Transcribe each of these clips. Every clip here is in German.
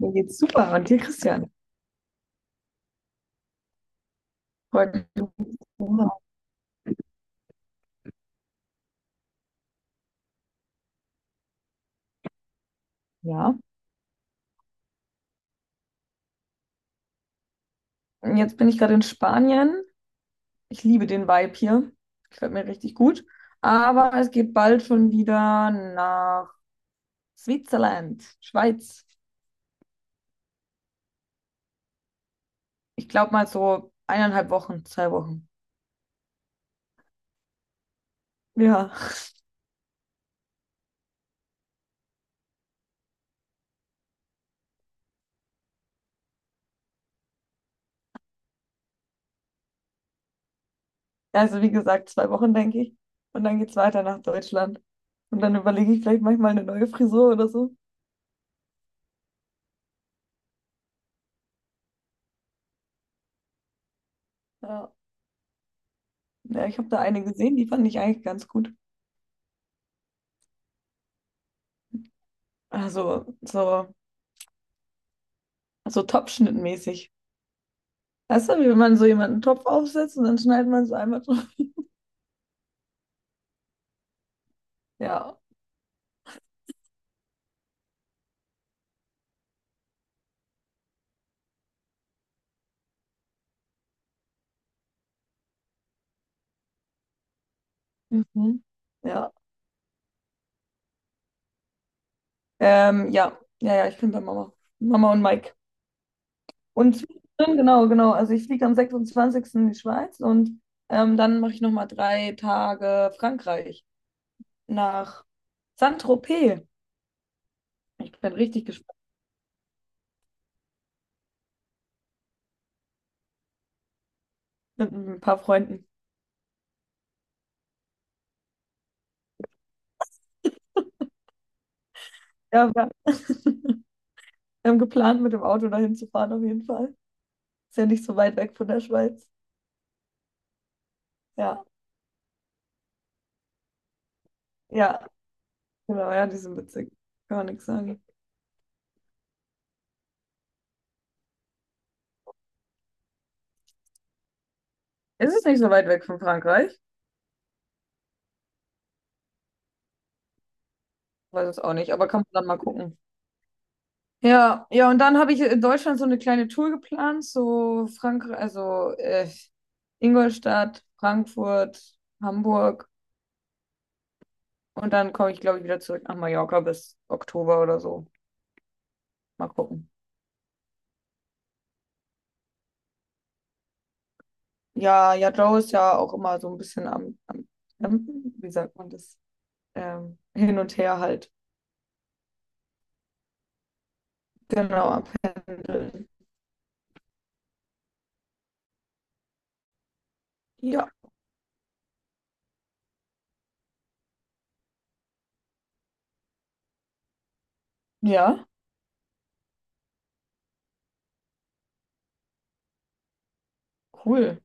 Mir geht's super. Und dir, Christian? Heute. Ja. Und jetzt bin ich gerade in Spanien. Ich liebe den Vibe hier. Gefällt mir richtig gut. Aber es geht bald schon wieder nach Switzerland, Schweiz. Ich glaube mal so 1,5 Wochen, 2 Wochen. Ja. Also wie gesagt, 2 Wochen, denke ich. Und dann geht's weiter nach Deutschland. Und dann überlege ich vielleicht manchmal eine neue Frisur oder so. Ja. Ja, ich habe da eine gesehen, die fand ich eigentlich ganz gut. Also so Top-Schnitt-mäßig. Weißt du, wie wenn man so jemanden Topf aufsetzt und dann schneidet man es einmal drauf. Ja. Mhm. Ja. Ja. Ja, ja, ich bin bei Mama. Mama und Mike. Und zwischendrin, genau, genau. Also ich fliege am 26. in die Schweiz und dann mache ich nochmal 3 Tage Frankreich nach Saint-Tropez. Ich bin richtig gespannt mit ein paar Freunden. Ja, wir haben geplant, mit dem Auto dahin zu fahren auf jeden Fall. Ist ja nicht so weit weg von der Schweiz. Ja, ja, genau, ja, die sind witzig. Kann man nichts sagen. Ist es nicht so weit weg von Frankreich? Weiß es auch nicht, aber kann man dann mal gucken. Ja, ja, und dann habe ich in Deutschland so eine kleine Tour geplant, so Frankreich, also Ingolstadt, Frankfurt, Hamburg und dann komme ich, glaube ich, wieder zurück nach Mallorca bis Oktober oder so. Mal gucken. Ja, ja, Joe ist ja auch immer so ein bisschen am Campen, wie sagt man das? Hin und her halt. Genau, am Pendeln. Ja, ja, cool.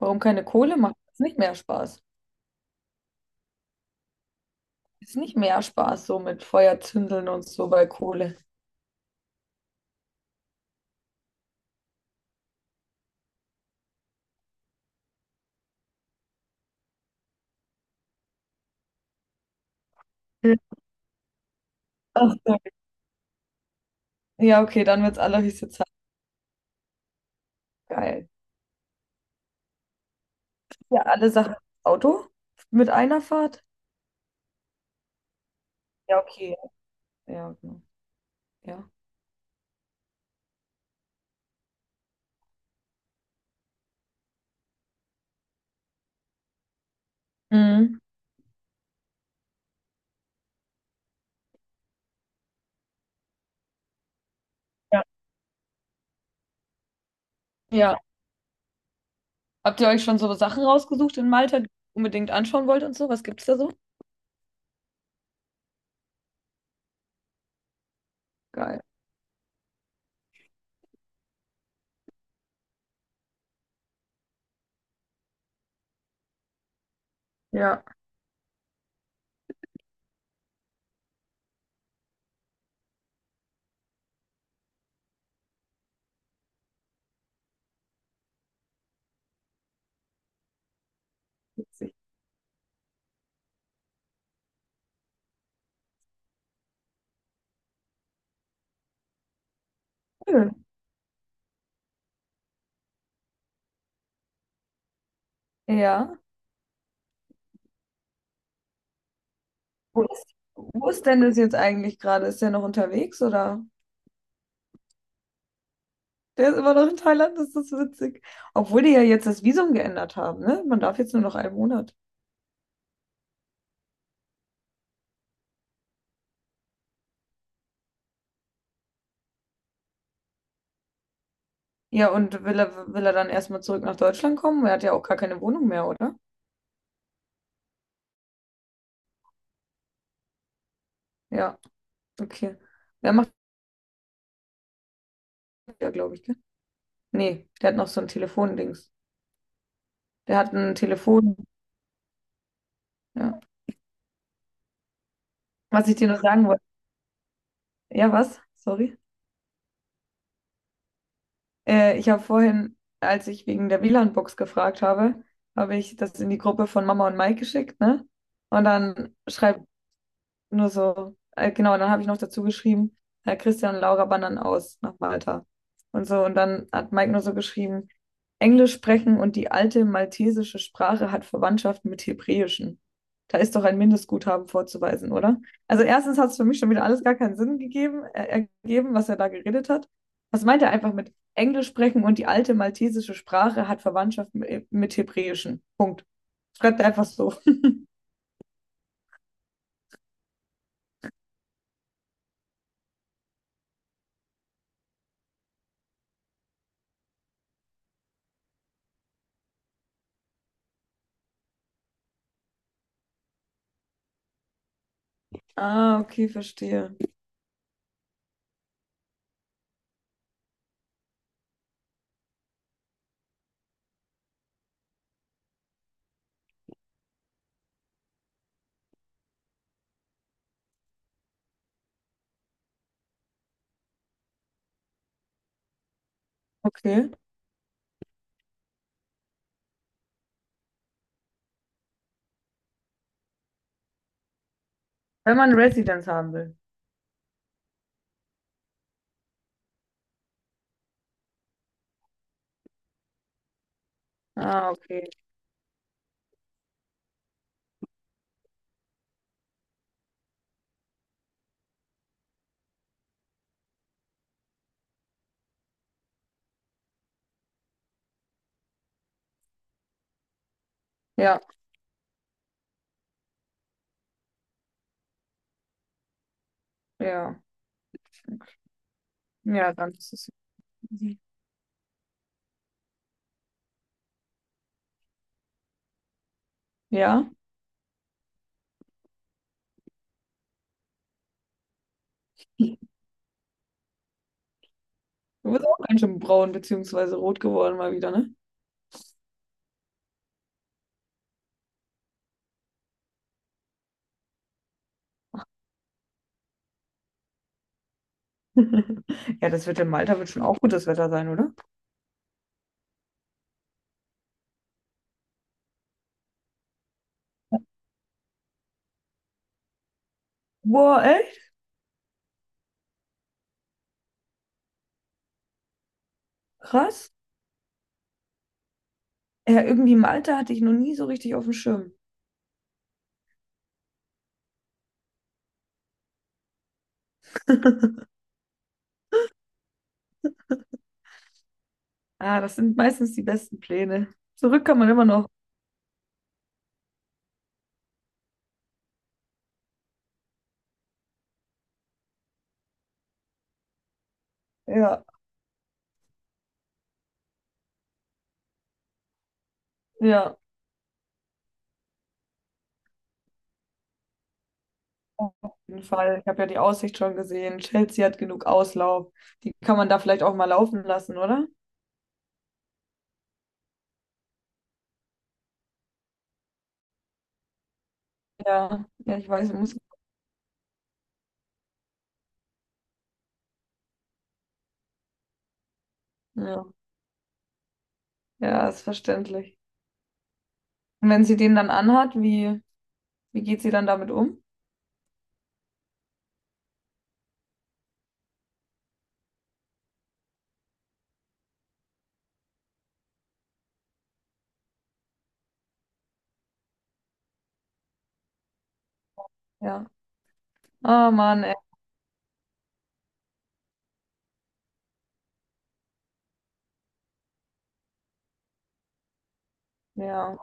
Warum keine Kohle macht das nicht mehr Spaß? Ist nicht mehr Spaß so mit Feuer zündeln und so bei Kohle. Ja. Ach, so. Ja, okay, dann wird's alle richtig Zeit. Geil. Ja, alle Sachen im Auto mit einer Fahrt? Ja, okay. Ja, genau. Ja. Mhm. Ja. Ja. Habt ihr euch schon so Sachen rausgesucht in Malta, die ihr unbedingt anschauen wollt und so? Was gibt's da so? Geil. Ja. Witzig. Cool. Ja. Wo ist, wo ist denn das jetzt eigentlich gerade? Ist der noch unterwegs oder? Der ist immer noch in Thailand, das ist witzig. Obwohl die ja jetzt das Visum geändert haben, ne? Man darf jetzt nur noch einen Monat. Ja, und will er dann erstmal zurück nach Deutschland kommen? Er hat ja auch gar keine Wohnung mehr, oder? Ja, okay. Der macht ja, glaube ich, gell? Nee, der hat noch so ein Telefondings. Der hat ein Telefon, ja. Was ich dir noch sagen wollte. Ja, was? Sorry. Ich habe vorhin, als ich wegen der WLAN-Box gefragt habe, habe ich das in die Gruppe von Mama und Mike geschickt, ne? Und dann schreibt nur so, genau, und dann habe ich noch dazu geschrieben, Herr Christian und Laura wandern aus nach Malta. Und so, und dann hat Mike nur so geschrieben, Englisch sprechen und die alte maltesische Sprache hat Verwandtschaft mit Hebräischen. Da ist doch ein Mindestguthaben vorzuweisen, oder? Also erstens hat es für mich schon wieder alles gar keinen Sinn gegeben, ergeben, was er da geredet hat. Was meint er einfach mit Englisch sprechen und die alte maltesische Sprache hat Verwandtschaft mit Hebräischen? Punkt. Schreibt er einfach so. Ah, okay, verstehe. Okay. Wenn man Residence haben will. Ah, okay. Ja, ja. Ja, dann ist es easy. Ja. Du bist auch ganz schön braun beziehungsweise rot geworden mal wieder, ne? Ja, das wird in Malta wird schon auch gutes Wetter sein, oder? Boah, echt? Krass. Ja, irgendwie Malta hatte ich noch nie so richtig auf dem Schirm. Ah, das sind meistens die besten Pläne. Zurück kann man immer noch. Ja, ja, auf jeden Fall. Ich habe ja die Aussicht schon gesehen. Chelsea hat genug Auslauf. Die kann man da vielleicht auch mal laufen lassen, oder? Ja, ja, ich weiß, ich muss. Ja, ja, ist verständlich. Und wenn sie den dann anhat, wie geht sie dann damit um? Ja. Ah, Mann, ey. Ja.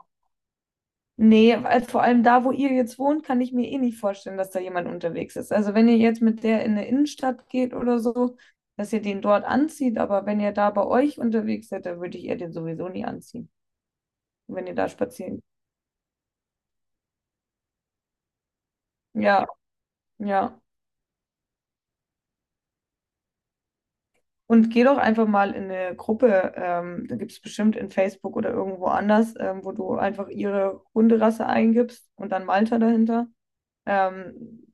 Nee, weil vor allem da, wo ihr jetzt wohnt, kann ich mir eh nicht vorstellen, dass da jemand unterwegs ist. Also wenn ihr jetzt mit der in eine Innenstadt geht oder so, dass ihr den dort anzieht, aber wenn ihr da bei euch unterwegs seid, dann würde ich ihr den sowieso nie anziehen, wenn ihr da spazieren geht. Ja, ja. Und geh doch einfach mal in eine Gruppe, da gibt es bestimmt in Facebook oder irgendwo anders, wo du einfach ihre Hunderasse eingibst und dann Malta dahinter. Ähm,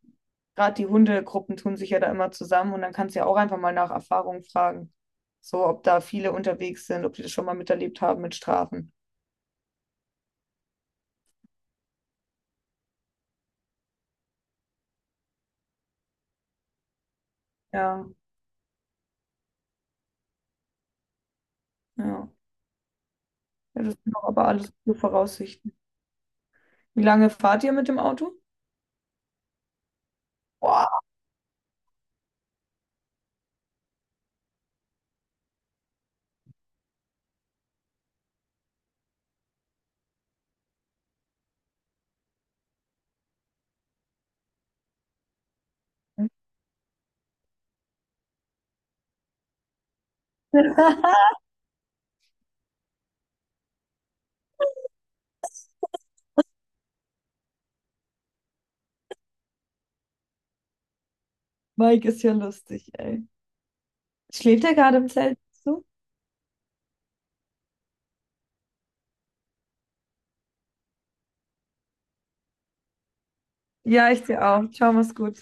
Gerade die Hundegruppen tun sich ja da immer zusammen und dann kannst du ja auch einfach mal nach Erfahrung fragen. So, ob da viele unterwegs sind, ob die das schon mal miterlebt haben mit Strafen. Ja, ja. Ja, das sind doch aber alles gute Voraussichten. Wie lange fahrt ihr mit dem Auto? Boah, Mike ist ja lustig, ey. Schläft er gerade im Zelt? Ja, ich dir auch. Ciao, mach's gut.